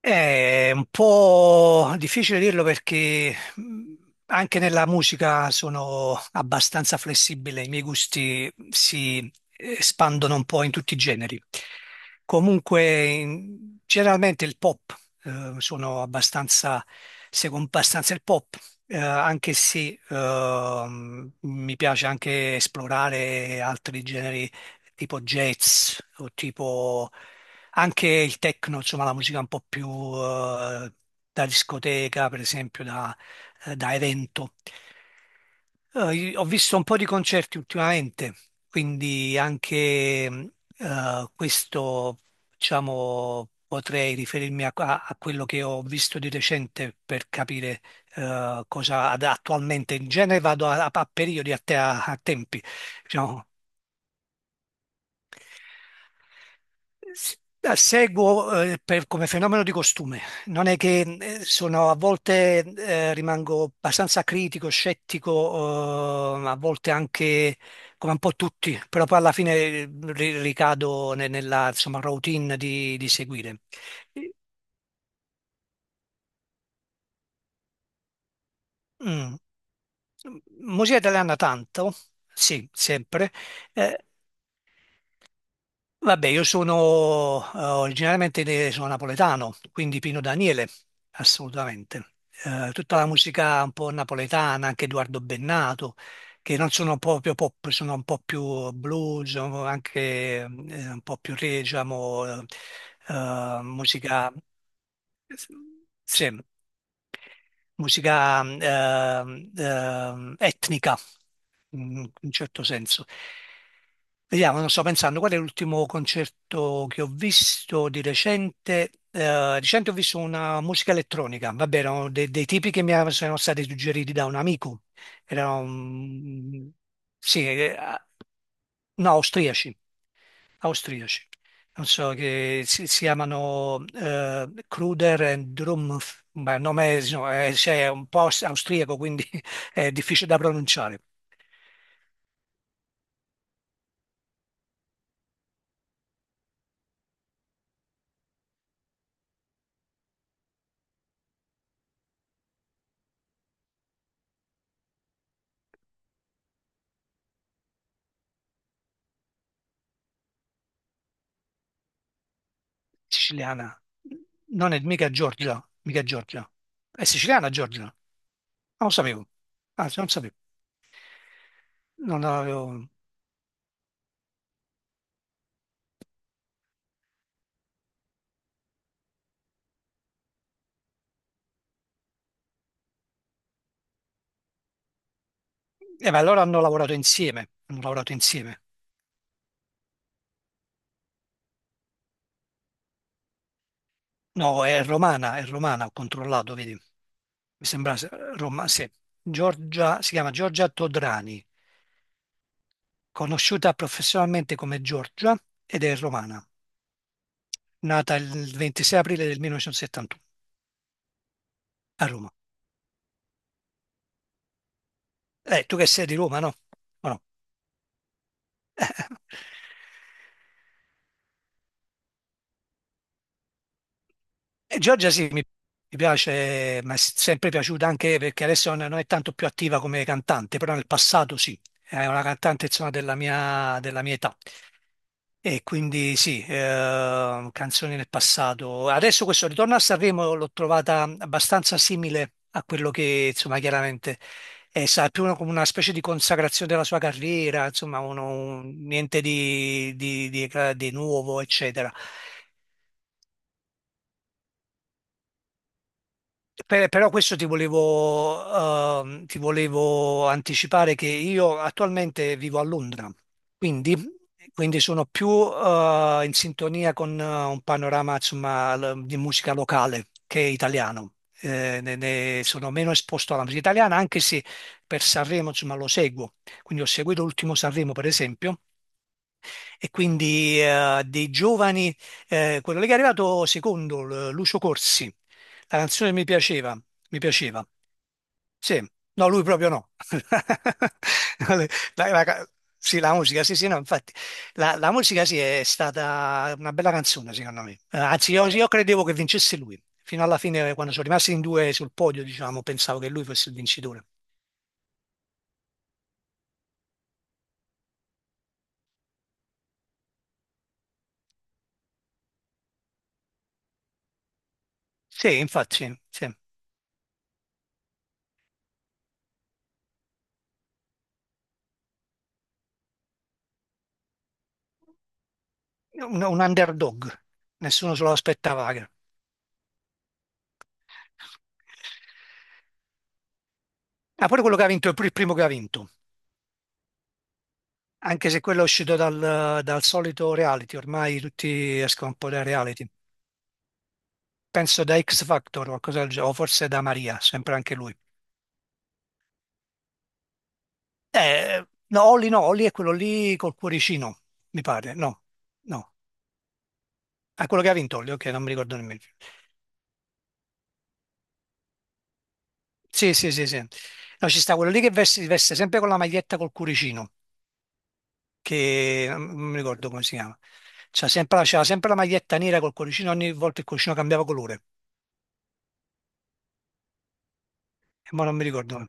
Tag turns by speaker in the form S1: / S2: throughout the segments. S1: È un po' difficile dirlo perché anche nella musica sono abbastanza flessibile, i miei gusti si espandono un po' in tutti i generi. Comunque, generalmente il pop, sono abbastanza, seguo abbastanza il pop, anche se mi piace anche esplorare altri generi tipo jazz o tipo anche il techno, insomma la musica un po' più eh, da discoteca, per esempio da evento. Io ho visto un po' di concerti ultimamente, quindi anche questo, diciamo, potrei riferirmi a quello che ho visto di recente per capire cosa attualmente. In genere vado a periodi, a tempi, diciamo, S- Seguo come fenomeno di costume, non è che sono a volte rimango abbastanza critico, scettico, a volte anche come un po' tutti, però poi alla fine ricado nella insomma, routine di seguire. Mm. Musica italiana tanto, sì, sempre. eh, Vabbè, io sono originariamente sono napoletano, quindi Pino Daniele, assolutamente. Tutta la musica un po' napoletana, anche Edoardo Bennato, che non sono proprio pop, sono un po' più blues, sono anche un po' più re, diciamo, musica sì, musica etnica, in un certo senso. Vediamo, non sto pensando, qual è l'ultimo concerto che ho visto di recente? Di recente ho visto una musica elettronica, vabbè, erano dei tipi che mi sono stati suggeriti da un amico, erano, sì, no, austriaci. Non so, che si chiamano Kruder and Drumpf, ma il nome è, no, cioè, è un po' austriaco, quindi è difficile da pronunciare. Siciliana. Non è mica Giorgia, mica Giorgia. È siciliana Giorgia? Non lo sapevo. Anzi, non sapevo. Non avevo- Ma allora hanno lavorato insieme. Hanno lavorato insieme. No, è romana, ho controllato, vedi. Mi sembra Roma, sì. Giorgia, si chiama Giorgia Todrani, conosciuta professionalmente come Giorgia ed è romana, nata il 26 aprile del 1971 a Roma. Tu che sei di Roma, no? O no? E Giorgia sì, mi piace, ma è sempre piaciuta anche perché adesso non è tanto più attiva come cantante, però nel passato sì, è una cantante insomma della mia età. E quindi sì, canzoni del passato. Adesso questo ritorno a Sanremo l'ho trovata abbastanza simile a quello che, insomma, chiaramente più come una specie di consacrazione della sua carriera, insomma, niente di nuovo, eccetera. Però questo ti volevo anticipare che io attualmente vivo a Londra, quindi, quindi sono più, in sintonia con un panorama, insomma, di musica locale che italiano. Ne sono meno esposto alla musica italiana, anche se per Sanremo, insomma, lo seguo. Quindi ho seguito l'ultimo Sanremo, per esempio, e quindi dei giovani, quello lì che è arrivato secondo, Lucio Corsi, la canzone mi piaceva, sì, no, lui proprio no, La- la ca- sì, la musica, sì, sì, no, infatti, la musica sì è stata una bella canzone secondo me. Anzi io credevo che vincesse lui, fino alla fine quando sono rimasti in due sul podio, diciamo, pensavo che lui fosse il vincitore. Sì, infatti, sì. Un underdog, nessuno se lo aspettava. Ah, pure quello che ha vinto, pure il primo che ha vinto, anche se quello è uscito dal solito reality, ormai tutti escono un po' dai reality. Penso da X Factor o qualcosa del genere, o forse da Maria, sempre anche lui. No, Olli no, Olli è quello lì col cuoricino, mi pare, no, no. È quello che ha vinto Olli, ok, non mi ricordo nemmeno. Sì, sì, sì, sì. No, ci sta quello lì che veste sempre con la maglietta col cuoricino, che non mi ricordo come si chiama. C'ha sempre, c'aveva sempre la maglietta nera col cuoricino, ogni volta il cuoricino cambiava colore. Ma non mi ricordo.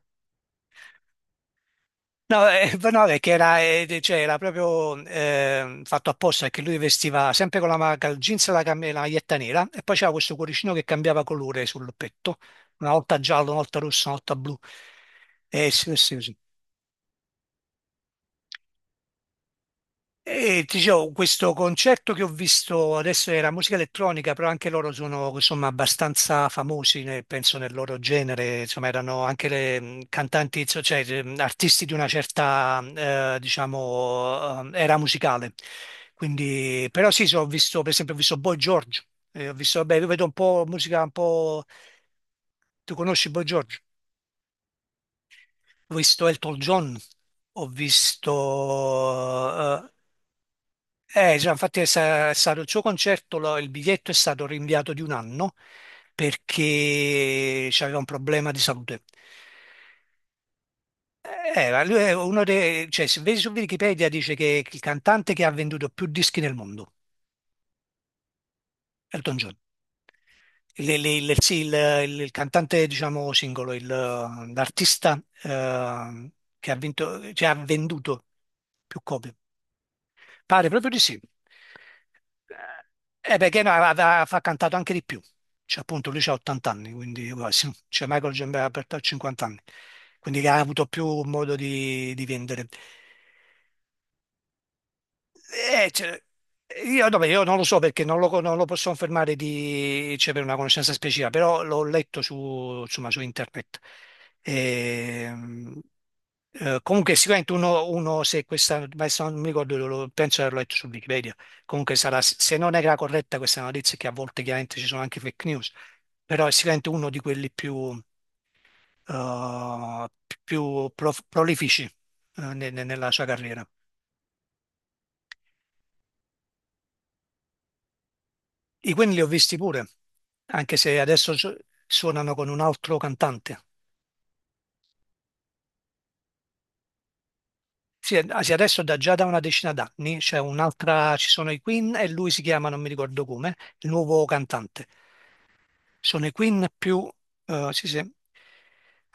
S1: No, no, perché era, cioè, era proprio fatto apposta perché lui vestiva sempre con il jeans e la maglietta nera e poi c'era questo cuoricino che cambiava colore sul petto, una volta giallo, una volta rosso, una volta blu. Eh sì, sì, sì. E ti dicevo, questo concerto che ho visto adesso era musica elettronica, però anche loro sono insomma abbastanza famosi, penso nel loro genere, insomma erano anche le cantanti, cioè artisti di una certa, diciamo, era musicale. Quindi, però sì, ho visto, per esempio, ho visto Boy George, ho visto, vabbè, io vedo un po' musica un po', tu conosci Boy George? Ho visto Elton John, ho visto... già, infatti è stato il suo concerto, il biglietto è stato rinviato di un anno perché aveva un problema di salute. Ma lui è uno dei, cioè, se vedi su Wikipedia dice che è il cantante che ha venduto più dischi nel mondo, Elton John. Il sì, il cantante, diciamo, singolo, l'artista eh, che ha vinto, cioè, ha venduto più copie. Pare proprio di sì. Perché no, ha cantato anche di più. Cioè, appunto, lui c'ha 80 anni, quindi quasi. Cioè, Michael Gambetta ha 50 anni, quindi che ha avuto più modo di vendere. Cioè, io, vabbè, io non lo so perché non lo posso confermare di, cioè, per una conoscenza specifica, però l'ho letto su, insomma, su internet. Ehm, comunque sicuramente uno se questa, ma se non mi ricordo, penso di averlo letto su Wikipedia, comunque sarà, se non era corretta questa notizia, che a volte chiaramente ci sono anche fake news, però è sicuramente uno di quelli più, eh, più prolifici, nella sua carriera. I Queen li ho visti pure, anche se adesso suonano con un altro cantante. Sì, sì, adesso già da una decina d'anni c'è un'altra, ci sono i Queen e lui si chiama, non mi ricordo come, il nuovo cantante. Sono i Queen più, sì, sì.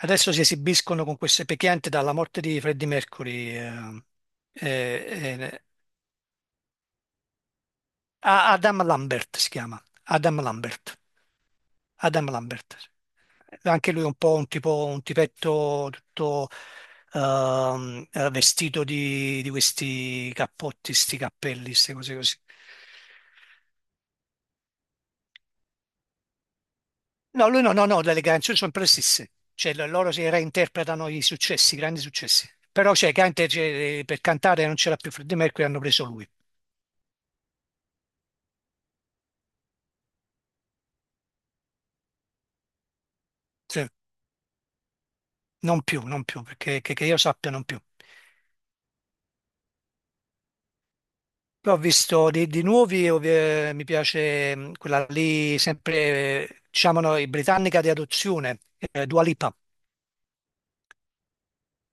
S1: Adesso si esibiscono con queste pecchianti dalla morte di Freddie Mercury, eh, eh, Adam Lambert si chiama, Adam Lambert, Adam Lambert. Anche lui è un po' un tipo, un tipetto tutto vestito di questi cappotti, sti cappelli, queste cose così. No, lui no, no, no, le canzoni sono sempre le stesse. Cioè, loro si reinterpretano i successi, i grandi successi. Però, cioè, Gante, cioè, per cantare non c'era più Freddie Mercury, hanno preso lui. Sì, non più, non più, perché che io sappia non più. Poi ho visto di nuovi, mi piace quella lì, sempre, diciamo, no, i britannica di adozione, Dua Lipa,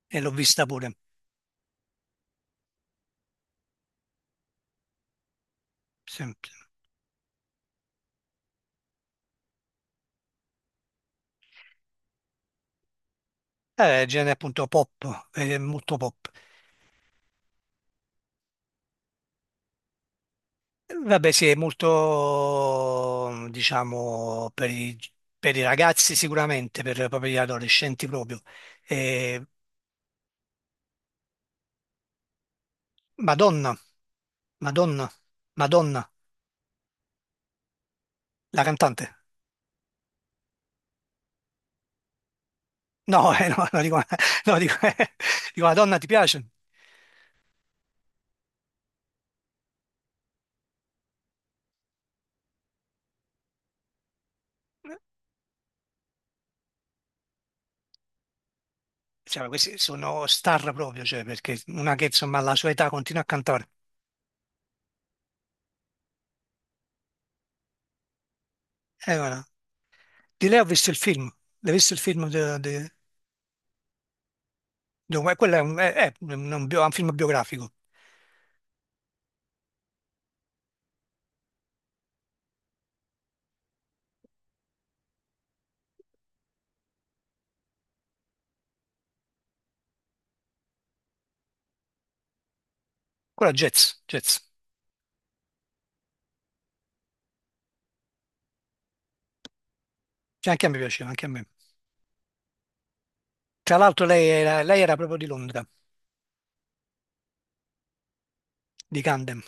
S1: e l'ho vista pure. Sempre. Genere appunto pop, molto pop. Vabbè, sì, è molto, diciamo, per i, ragazzi sicuramente, per proprio gli adolescenti proprio. Eh, Madonna, Madonna, Madonna, la cantante. No, no, no, dico, no, dico, dico, Madonna, ti piace? Cioè, questi sono star proprio, cioè, perché una che insomma alla sua età continua a cantare. Guarda, di lei ho visto il film, l'hai visto il film? Quello è un film biografico, quello è jazz, jazz. Cioè, anche a me piaceva, anche a me. Tra l'altro lei era proprio di Londra, di Camden.